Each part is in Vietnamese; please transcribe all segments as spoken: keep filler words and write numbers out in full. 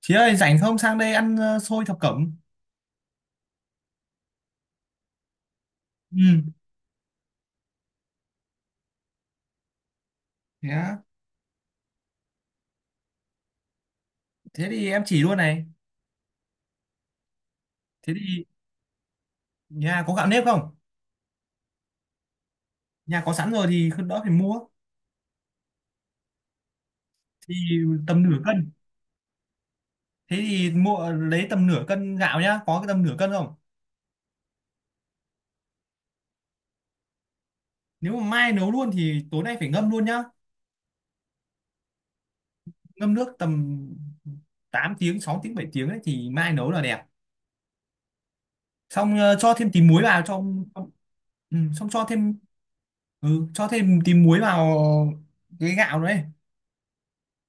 Chị ơi rảnh không sang đây ăn ờ, xôi thập cẩm. Ừ, thế á. Thế thì em chỉ luôn này. Thế thì nhà có gạo nếp không? Nhà có sẵn rồi thì không đỡ phải mua. Thì tầm nửa cân. Thế thì mua ờ, lấy tầm nửa cân gạo nhá. Có cái tầm nửa cân không? Nếu mà mai nấu luôn thì tối nay phải ngâm luôn nhá. Ngâm nước tầm tám tiếng, sáu tiếng, bảy tiếng ấy, thì mai nấu là đẹp. Xong ờ, cho thêm tí muối vào cho. ừ, Xong cho thêm, ừ, cho thêm tí muối vào cái gạo đấy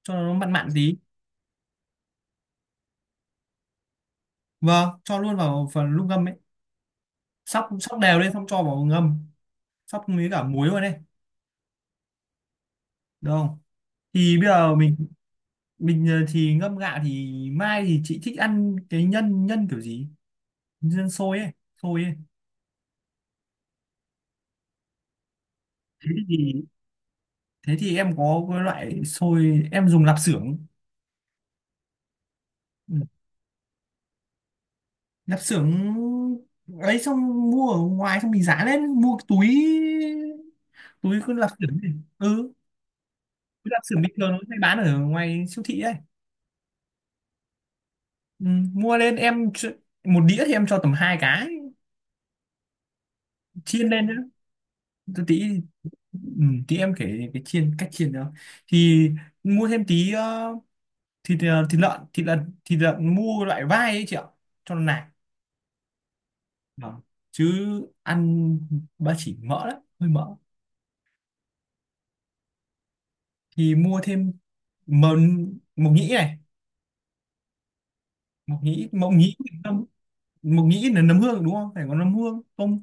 cho nó mặn mặn tí. Vâng, cho luôn vào phần lúc ngâm ấy, sóc sóc đều lên xong cho vào ngâm, sóc với cả muối vào đây, được không? Thì bây giờ mình mình ờ, thì ngâm gạo thì mai thì chị thích ăn cái nhân nhân kiểu gì, nhân sôi ấy, sôi ấy. thế thì Thế thì em có cái loại sôi em dùng lạp xưởng. Ừ, lạp xưởng ấy, xong mua ở ngoài, xong mình giá lên mua cái túi, túi cứ lạp xưởng ấy. Ừ, cái lạp xưởng bình thường nó hay bán ở ngoài siêu thị ấy. Ừ, mua lên em ch- một đĩa thì em cho tầm hai cái, chiên lên nữa tí. Ừ, tí em kể cái chiên cách chiên đó. Thì mua thêm tí ờ, thịt, ờ, thịt lợn, thịt lợn thịt lợn mua loại vai ấy chị ạ, cho nó nạc. Vâng, chứ ăn ba chỉ mỡ lắm, hơi mỡ. Thì mua thêm, mờ, mộc nhĩ này, mộc nhĩ mộc nhĩ. nấm- Mộc nhĩ là nấm hương đúng không, phải có nấm hương, tôm,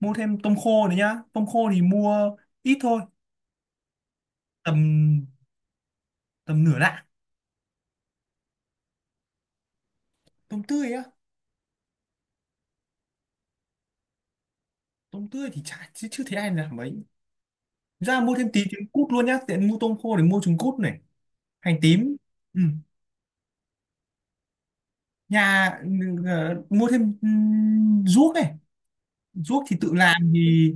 mua thêm tôm khô nữa nhá. Tôm khô thì mua ít thôi, tầm, tầm nửa lạng. Tôm tươi á? Tôm tươi thì chả, chứ chưa thấy ai làm mấy. Ra mua thêm tí trứng cút luôn nhá, tiện mua tôm khô để mua trứng cút này, hành tím. Ừ. Nhà, ờ, mua thêm, ừ, ruốc này, ruốc thì tự làm thì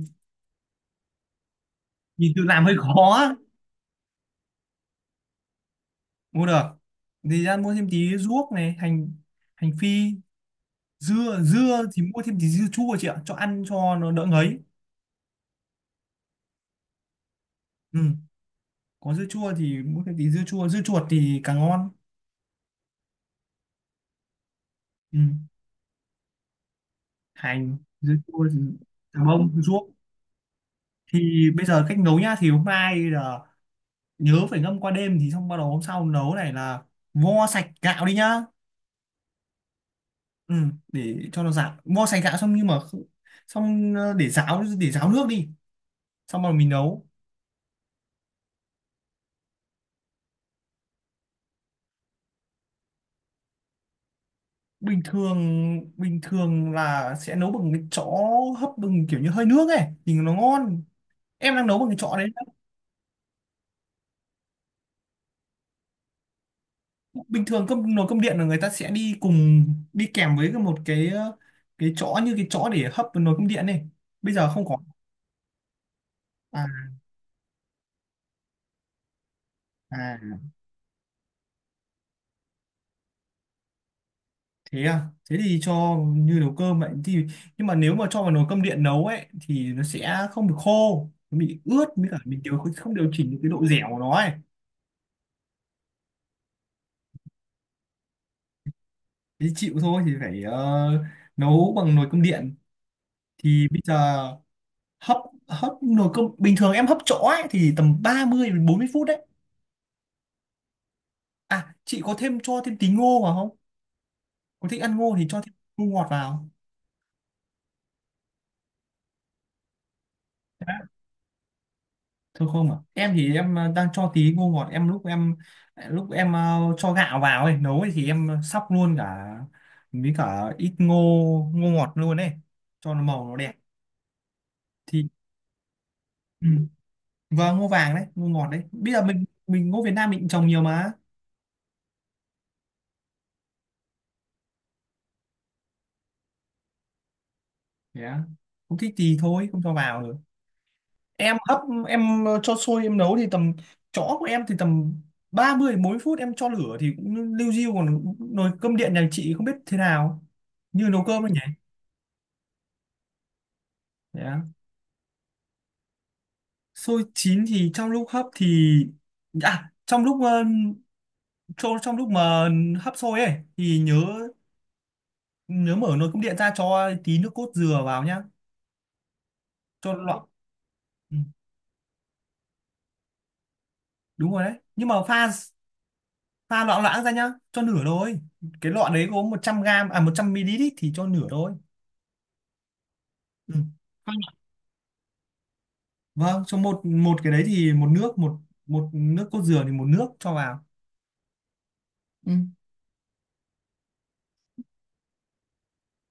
thì tự làm hơi khó á. Mua được thì ra mua thêm tí ruốc này, hành, hành phi, dưa, dưa thì mua thêm tí dưa chua chị ạ, cho ăn cho nó đỡ ngấy. Ừ. Có dưa chua thì mua thêm tí dưa chua, dưa chuột thì càng ngon. Ừ, hành, dưa cua thì mông, bông ruốc. Thì bây giờ cách nấu nhá, thì hôm nay là nhớ phải ngâm qua đêm, thì xong bắt đầu hôm sau nấu này là vo sạch gạo đi nhá. Ừ, để cho nó ráo, vo sạch gạo xong nhưng mà kh- xong ờ, để ráo, để ráo nước đi, xong rồi mình nấu. bình thường Bình thường là sẽ nấu bằng cái chõ, hấp bằng kiểu như hơi nước ấy thì nó ngon. Em đang nấu bằng cái chõ đấy. Bình thường cơm, nồi cơm điện là người ta sẽ đi cùng, đi kèm với một cái ờ, cái chõ, như cái chõ để hấp nồi cơm điện này, bây giờ không có. À, à, thế à, thế thì cho như nấu cơm vậy thì. Nhưng mà nếu mà cho vào nồi cơm điện nấu ấy thì nó sẽ không được khô, nó bị ướt, với cả mình điều, không điều chỉnh được cái độ dẻo của nó ấy. Thế chịu thôi, thì phải ờ, nấu bằng nồi cơm điện. Thì bây giờ hấp, hấp nồi cơm bình thường, em hấp chõ ấy thì tầm ba mươi đến bốn mươi phút đấy. À, chị có thêm, cho thêm tí ngô vào không? Có thích ăn ngô thì cho thêm ngô ngọt vào. Đã. Thôi không à? Em thì em ờ, đang cho tí ngô ngọt, em lúc em, lúc em ờ, cho gạo vào ấy, nấu ấy, thì em sóc luôn cả với cả ít ngô, ngô ngọt luôn ấy, cho nó màu nó đẹp. Thì ừ. Và ngô vàng đấy, ngô ngọt đấy. Bây giờ mình mình ngô Việt Nam mình cũng trồng nhiều mà. Yeah. Không thích thì thôi, không cho vào được. Em hấp, em cho sôi em nấu thì tầm, chõ của em thì tầm ba mươi đến bốn mươi phút, em cho lửa thì cũng liu riu, còn nồi cơm điện nhà chị không biết thế nào, như nấu cơm thôi nhỉ. Yeah. Sôi chín thì trong lúc hấp thì, à trong lúc ờ, cho trong lúc mà hấp sôi ấy thì nhớ, nhớ mở nồi cơm điện ra cho tí nước cốt dừa vào nhá, cho loãng. Ừ, đúng rồi đấy, nhưng mà pha, pha loãng loãng ra nhá, cho nửa thôi. Cái lọ đấy có một trăm gram, à một trăm mi li lít ý, thì cho nửa thôi. Ừ. Vâng, cho một, một cái đấy thì một nước một một nước cốt dừa thì một nước cho vào. Ừ.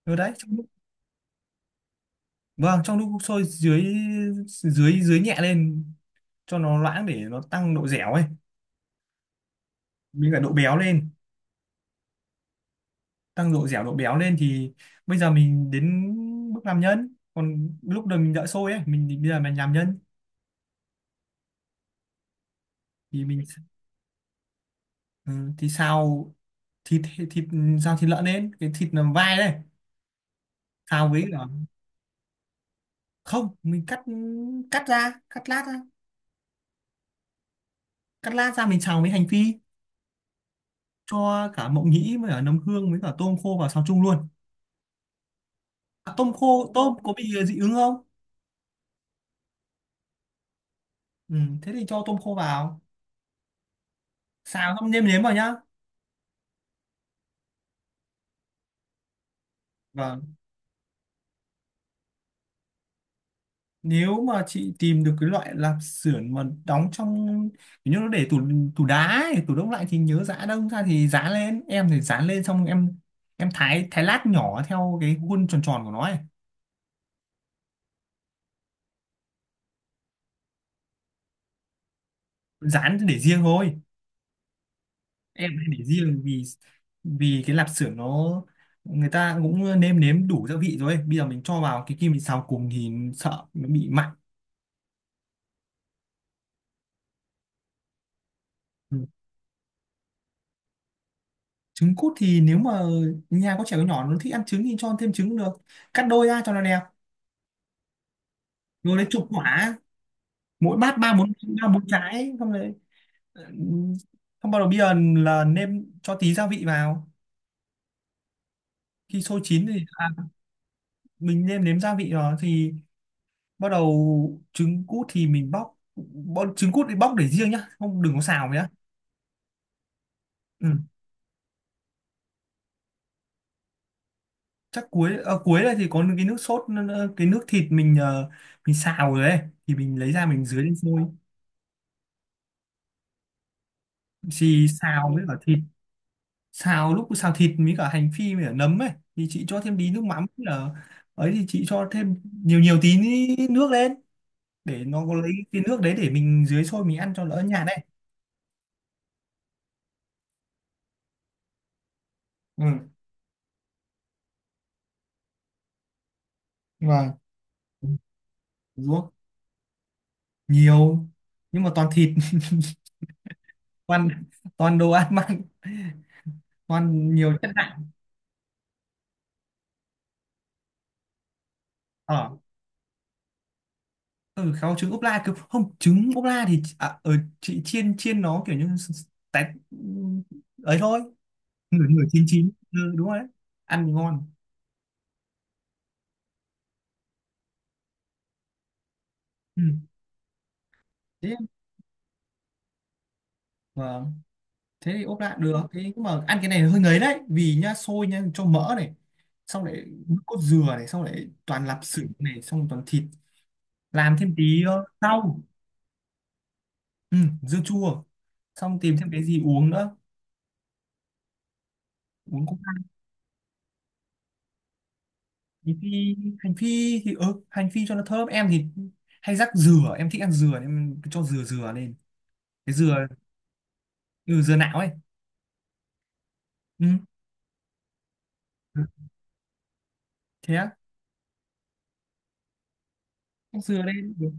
Rồi đấy, trong lúc, vâng, trong lúc sôi dưới, dưới dưới nhẹ lên cho nó loãng để nó tăng độ dẻo ấy, với cả độ béo lên, tăng độ dẻo độ béo lên, thì bây giờ mình đến bước làm nhân. Còn lúc đầu mình đợi sôi ấy, mình bây giờ mình làm nhân. Thì mình, ừ, thì xào thịt, thịt xào thịt lợn lên, cái thịt làm vai đây, xào với cả, không, mình cắt, cắt ra, cắt lát ra. Cắt lát ra mình xào với hành phi, cho cả mộng nhĩ với cả nấm hương với cả tôm khô vào xào chung luôn. À, tôm khô, tôm có bị ờ, dị ứng không? Ừ, thế thì cho tôm khô vào, xào xong nêm nếm vào nhá. Vâng. Nếu mà chị tìm được cái loại lạp xưởng mà đóng trong, kiểu như nó để tủ, tủ đá ấy, tủ đông lạnh, thì nhớ giã đông ra, thì giã lên, em thì dán lên xong em em thái, thái lát nhỏ theo cái khuôn tròn tròn của nó ấy. Dán để riêng thôi, em hay để riêng vì, vì cái lạp xưởng nó, người ta cũng nêm nếm đủ gia vị rồi ấy, bây giờ mình cho vào cái kim mình xào cùng thì sợ nó bị mặn. Ừ. Trứng cút thì nếu mà nhà có trẻ con nhỏ nó thích ăn trứng thì cho thêm trứng được, cắt đôi ra cho nó đẹp. Rồi lấy chục quả, mỗi bát ba bốn, ba bốn trái xong rồi. Ừ, xong bắt đầu bây giờ là nêm cho tí gia vị vào, khi sôi chín thì à, mình nêm nếm gia vị rồi thì bắt đầu trứng cút thì mình bóc, bọn trứng cút thì bóc để riêng nhá, không đừng có xào nhá. Ừ. Chắc cuối, à cuối đây thì có cái nước sốt, cái nước thịt mình ờ, mình xào rồi đấy, thì mình lấy ra mình dưới lên sôi. Thì xào với cả thịt, xào lúc xào thịt với cả hành phi với cả nấm ấy, thì chị cho thêm tí nước mắm với cả, ấy thì chị cho thêm nhiều nhiều tí nước lên, để nó có, lấy cái nước đấy để mình dưới sôi mình ăn cho đỡ nhạt đấy. Ừ. Vâng. Đúng. Nhiều, nhưng mà toàn thịt, toàn toàn đồ ăn mặn, toàn nhiều chất. Ở, ừ, kháu trứng ốp la, cứ không trứng ốp la thì à, ở chị chiên, chiên nó kiểu như s- s- tét ấy thôi. Nửa nửa chín chín, ừ, đúng rồi đấy, ăn thì ngon. Ừ. Thế, vâng, thế thì ốp la được, thế nhưng mà ăn cái này hơi ngấy đấy, vì nhá, sôi nhá, cho mỡ này, xong lại nước cốt dừa này, xong lại toàn lạp xưởng này, xong toàn thịt. Làm thêm tí ờ, rau. Ừ, dưa chua, xong tìm thêm cái gì uống nữa, uống cũng. Hành phi, hành phi thì ừ, hành phi cho nó thơm, em thì hay rắc dừa, em thích ăn dừa nên em cho dừa, dừa lên, cái dừa. Ừ, dừa nạo ấy. Ừ. Thế á, cho dừa lên được.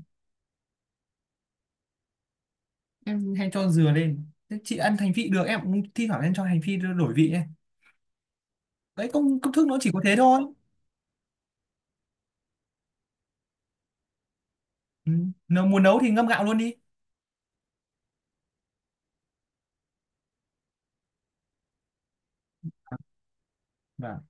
Em hay cho dừa lên, thế chị ăn hành phi được, em cũng thi thoảng em cho hành phi đổi vị ấy. Đấy, công công thức nó chỉ có thế thôi. Ừ. Nếu muốn nấu thì ngâm gạo luôn đi. Vâng.